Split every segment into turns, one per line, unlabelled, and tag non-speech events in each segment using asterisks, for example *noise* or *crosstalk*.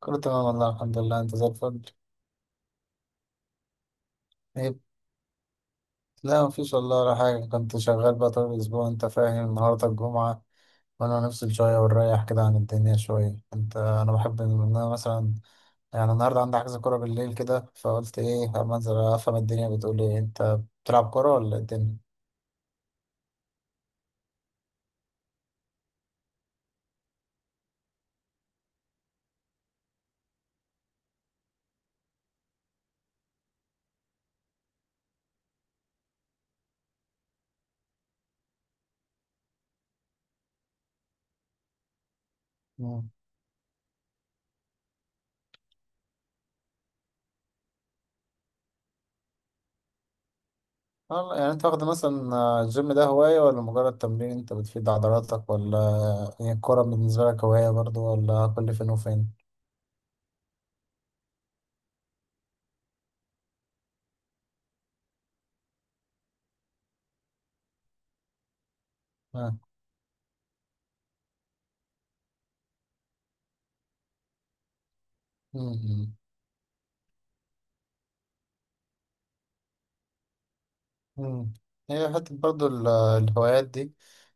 كله تمام والله الحمد لله، انت زي الفل. ايه؟ لا مفيش والله ولا حاجة، كنت شغال بقى طول الأسبوع انت فاهم، النهاردة الجمعة وانا نفصل شوية ونريح كده عن الدنيا شوية، انا بحب ان انا مثلا يعني النهاردة عندي حجز كورة بالليل كده، فقلت ايه اما انزل افهم الدنيا بتقول ايه. انت بتلعب كورة ولا ايه الدنيا؟ مم. والله يعني انت واخد مثلا الجيم ده هواية ولا مجرد تمرين انت بتفيد عضلاتك، ولا هي الكورة بالنسبة لك هواية برضو ولا كل فين وفين؟ آه. مم. مم. هي حتة برضو الهوايات دي،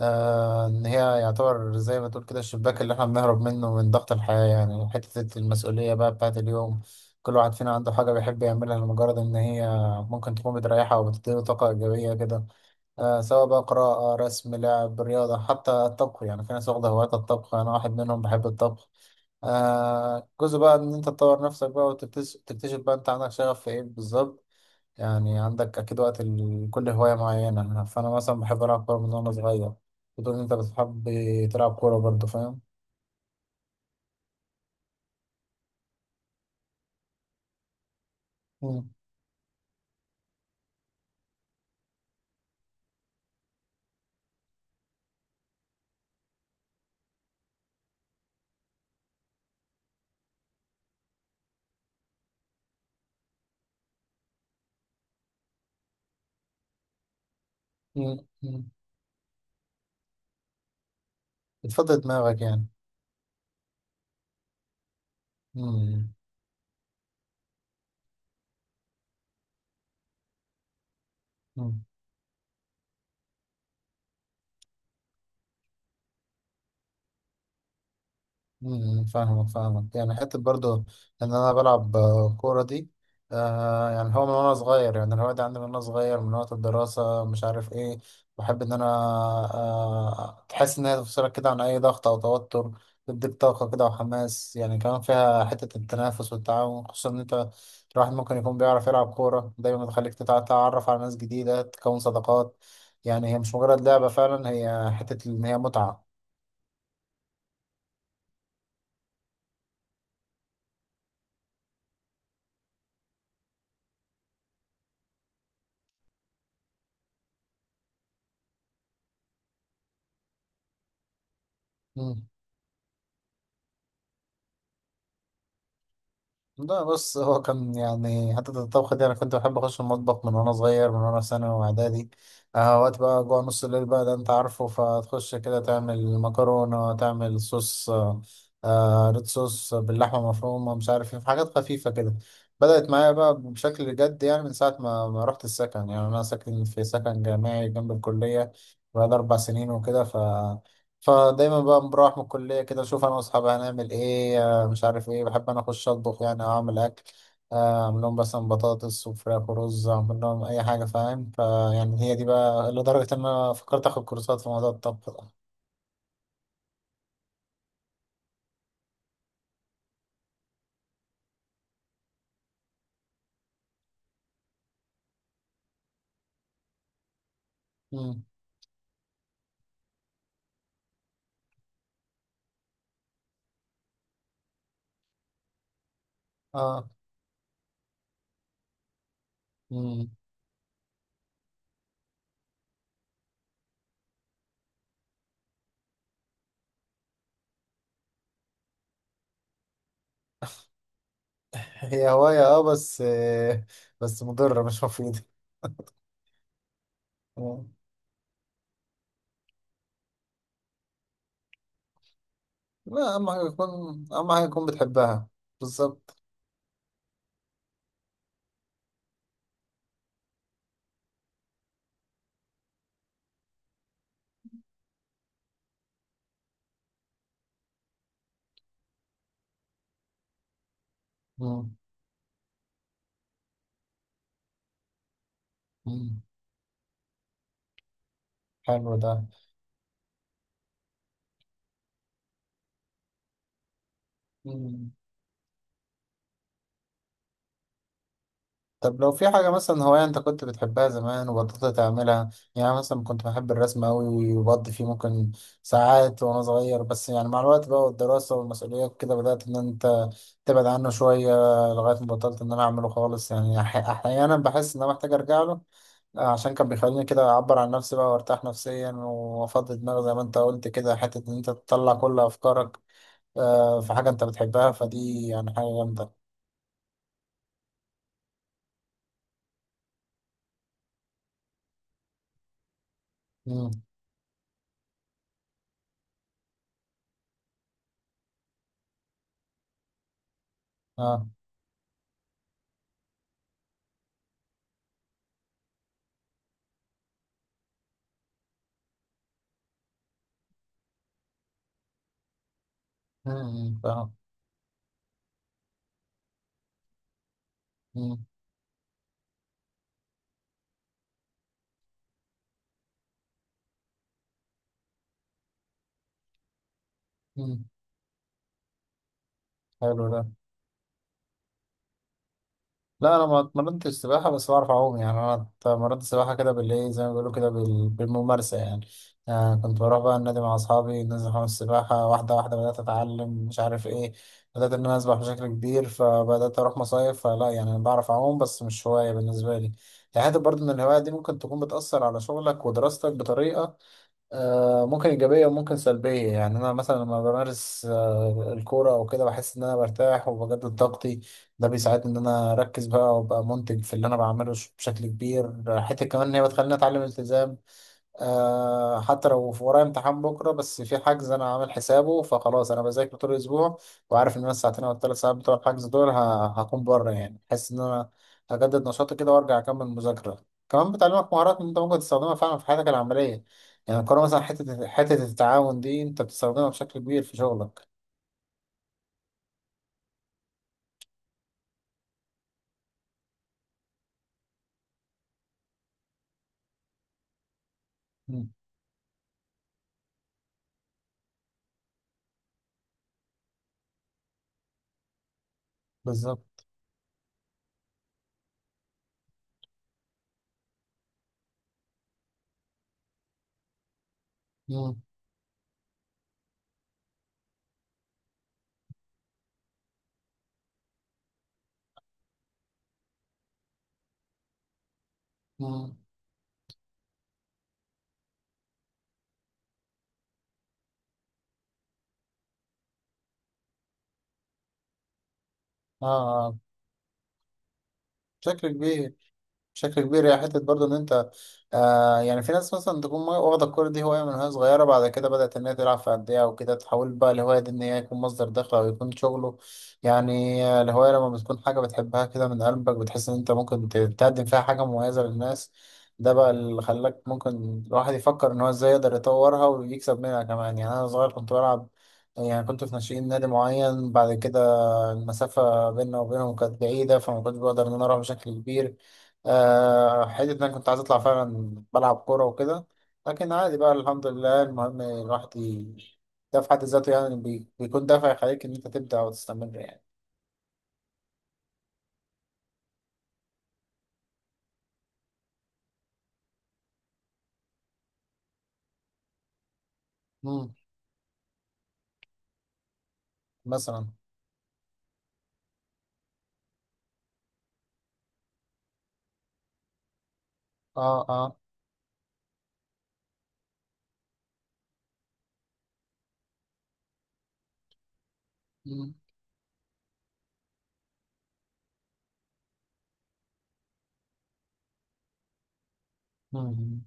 آه إن هي يعتبر زي ما تقول كده الشباك اللي إحنا بنهرب منه من ضغط الحياة، يعني حتة المسؤولية بقى بتاعت اليوم. كل واحد فينا عنده حاجة بيحب يعملها لمجرد إن هي ممكن تكون بتريحها أو بتديله طاقة إيجابية كده. آه، سواء بقى قراءة، رسم، لعب رياضة، حتى الطبخ. يعني في ناس واخدة هوايات الطبخ، أنا واحد منهم، بحب الطبخ. آه، جزء بقى إن أنت تطور نفسك بقى، وتكتشف بقى أنت عندك شغف في إيه بالظبط. يعني عندك أكيد وقت لكل هواية معينة، فأنا مثلا بحب ألعب كورة من وأنا صغير. بتقول إن أنت بتحب تلعب كورة برضه، فاهم. مم. مم. مم. بتفضي دماغك يعني. مم. مم. فاهمك فاهمك. يعني حتة برضو إن أنا بلعب كورة دي، آه يعني هو من وأنا صغير، يعني الهواية دي عندي من وأنا صغير، من وقت الدراسة مش عارف إيه. بحب إن أنا آه تحس إن هي تفصلك كده عن أي ضغط أو توتر، تديك طاقة كده وحماس، يعني كمان فيها حتة التنافس والتعاون، خصوصا إن أنت الواحد ممكن يكون بيعرف يلعب كورة، دايما بتخليك تتعرف على ناس جديدة، تكون صداقات. يعني هي مش مجرد لعبة، فعلا هي حتة إن هي متعة. مم. لا بص، هو كان يعني حتة الطبخ دي أنا كنت بحب أخش المطبخ من وأنا صغير، من وأنا في ثانوي وإعدادي. آه، وقت بقى جوع نص الليل بقى ده أنت عارفه، فتخش كده تعمل مكرونة، تعمل صوص، آه ريد صوص باللحمة المفرومة، مش عارف إيه، في حاجات خفيفة كده. بدأت معايا بقى بشكل جد يعني من ساعة ما رحت السكن، يعني أنا ساكن في سكن جامعي جنب الكلية بقى 4 سنين وكده، ف فدايما بقى بروح من الكلية كده أشوف أنا وأصحابي هنعمل إيه، مش عارف ايه. بحب انا اخش اطبخ، يعني اعمل اكل، اعمل لهم مثلا بطاطس وفراخ ورز، اعمل لهم اي حاجه، فاهم؟ فيعني هي دي بقى لدرجه ان انا فكرت اخد كورسات في موضوع الطبخ ده. مم. اه. مم. هي هوايه اه، بس آه بس مضره مش مفيده. مم. لا اهم حاجه يكون، اهم حاجه يكون بتحبها. بالظبط. مم. مم. حلو ده. مم. طب لو في حاجة مثلا هواية أنت كنت بتحبها زمان وبطلت تعملها، يعني مثلا كنت بحب الرسم أوي وبقضي فيه ممكن ساعات وأنا صغير، بس يعني مع الوقت بقى والدراسة والمسؤوليات كده بدأت إن أنت تبعد عنه شوية، لغاية ما بطلت إن أنا أعمله خالص. يعني أحيانا بحس إن أنا محتاج أرجع له، عشان كان بيخليني كده أعبر عن نفسي بقى وأرتاح نفسيا وأفضي دماغي زي ما أنت قلت كده، حتة إن أنت تطلع كل أفكارك في حاجة أنت بتحبها، فدي يعني حاجة جامدة. مم. آه. مم. مم. فاهم. مم. حلو ده. لا انا ما اتمرنتش سباحه، بس بعرف اعوم. يعني انا اتمرنت سباحه كده بالايه، زي ما بيقولوا كده بالممارسه يعني. آه، كنت بروح بقى النادي مع اصحابي، ننزل حمام السباحه، واحده واحده بدات اتعلم، مش عارف ايه، بدات ان انا اسبح بشكل كبير، فبدات اروح مصايف. فلا يعني انا بعرف اعوم بس مش هوايه بالنسبه لي. يعني حته برضه ان الهوايه دي ممكن تكون بتاثر على شغلك ودراستك بطريقه ممكن إيجابية وممكن سلبية. يعني أنا مثلا لما بمارس الكورة أو كده بحس إن أنا برتاح وبجدد طاقتي، ده بيساعدني إن أنا أركز بقى وأبقى منتج في اللي أنا بعمله بشكل كبير. حتة كمان إن هي بتخليني أتعلم التزام، آه حتى لو في ورايا امتحان بكرة بس في حجز أنا عامل حسابه، فخلاص أنا بذاكر طول الأسبوع وعارف إن أنا الساعتين أو 3 ساعات بتوع الحجز دول هكون بره. يعني بحس إن أنا هجدد نشاطي كده وأرجع أكمل مذاكرة. كمان بتعلمك مهارات أنت ممكن تستخدمها فعلا في حياتك العملية، يعني القراءة مثلا، حتة التعاون دي أنت بتستخدمها بشكل كبير في شغلك. مم، بالظبط. مم، مم. آه آه، بشكل كبير. بشكل كبير. هي حتة برضه إن أنت آه يعني في ناس مثلا تكون واخدة الكورة دي هواية من وهي صغيرة، بعد كده بدأت إن هي تلعب في أندية وكده، تحول بقى الهواية دي إن هي يكون مصدر دخل أو يكون شغله. يعني الهواية لما بتكون حاجة بتحبها كده من قلبك، بتحس إن أنت ممكن تقدم فيها حاجة مميزة للناس. ده بقى اللي خلاك ممكن الواحد يفكر إن هو إزاي يقدر يطورها ويكسب منها كمان. يعني أنا صغير كنت بلعب، يعني كنت في ناشئين نادي معين، بعد كده المسافة بيننا وبينهم كانت بعيدة، فما كنتش بقدر إن أنا أروح بشكل كبير، حتة إن أنا كنت عايز أطلع فعلا بلعب كورة وكده. لكن عادي بقى الحمد لله، المهم الواحد ده في حد ذاته يعني بيكون دافع يخليك إن أنت تبدأ وتستمر يعني. مم. مثلا. آه آه. مم. مم.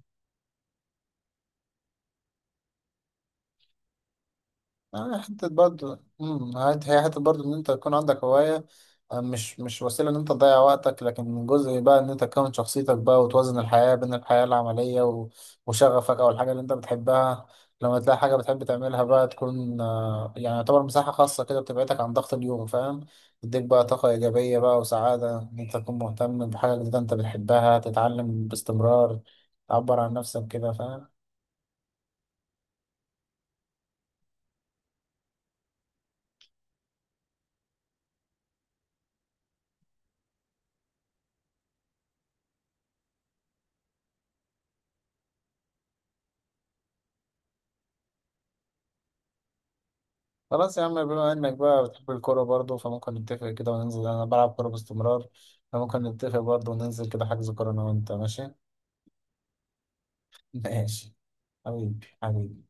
آه، حتة برضه أمم، عاد هي حتة برضه إن أنت يكون عندك هواية، مش وسيلة إن أنت تضيع وقتك، لكن جزء بقى إن أنت تكون شخصيتك بقى، وتوازن الحياة بين الحياة العملية وشغفك أو الحاجة اللي أنت بتحبها. لما تلاقي حاجة بتحب تعملها بقى تكون آه، يعني يعتبر مساحة خاصة كده بتبعدك عن ضغط اليوم، فاهم، تديك بقى طاقة إيجابية بقى وسعادة إن أنت تكون مهتم بحاجة جديدة أنت بتحبها، تتعلم باستمرار، تعبر عن نفسك كده، فاهم. خلاص يا عم، بما انك بقى بتحب الكورة برضه، فممكن نتفق كده وننزل، انا بلعب كورة باستمرار، فممكن نتفق برضه وننزل كده حجز كورة انا وانت، ماشي؟ *laughs* ماشي. حبيبي حبيبي.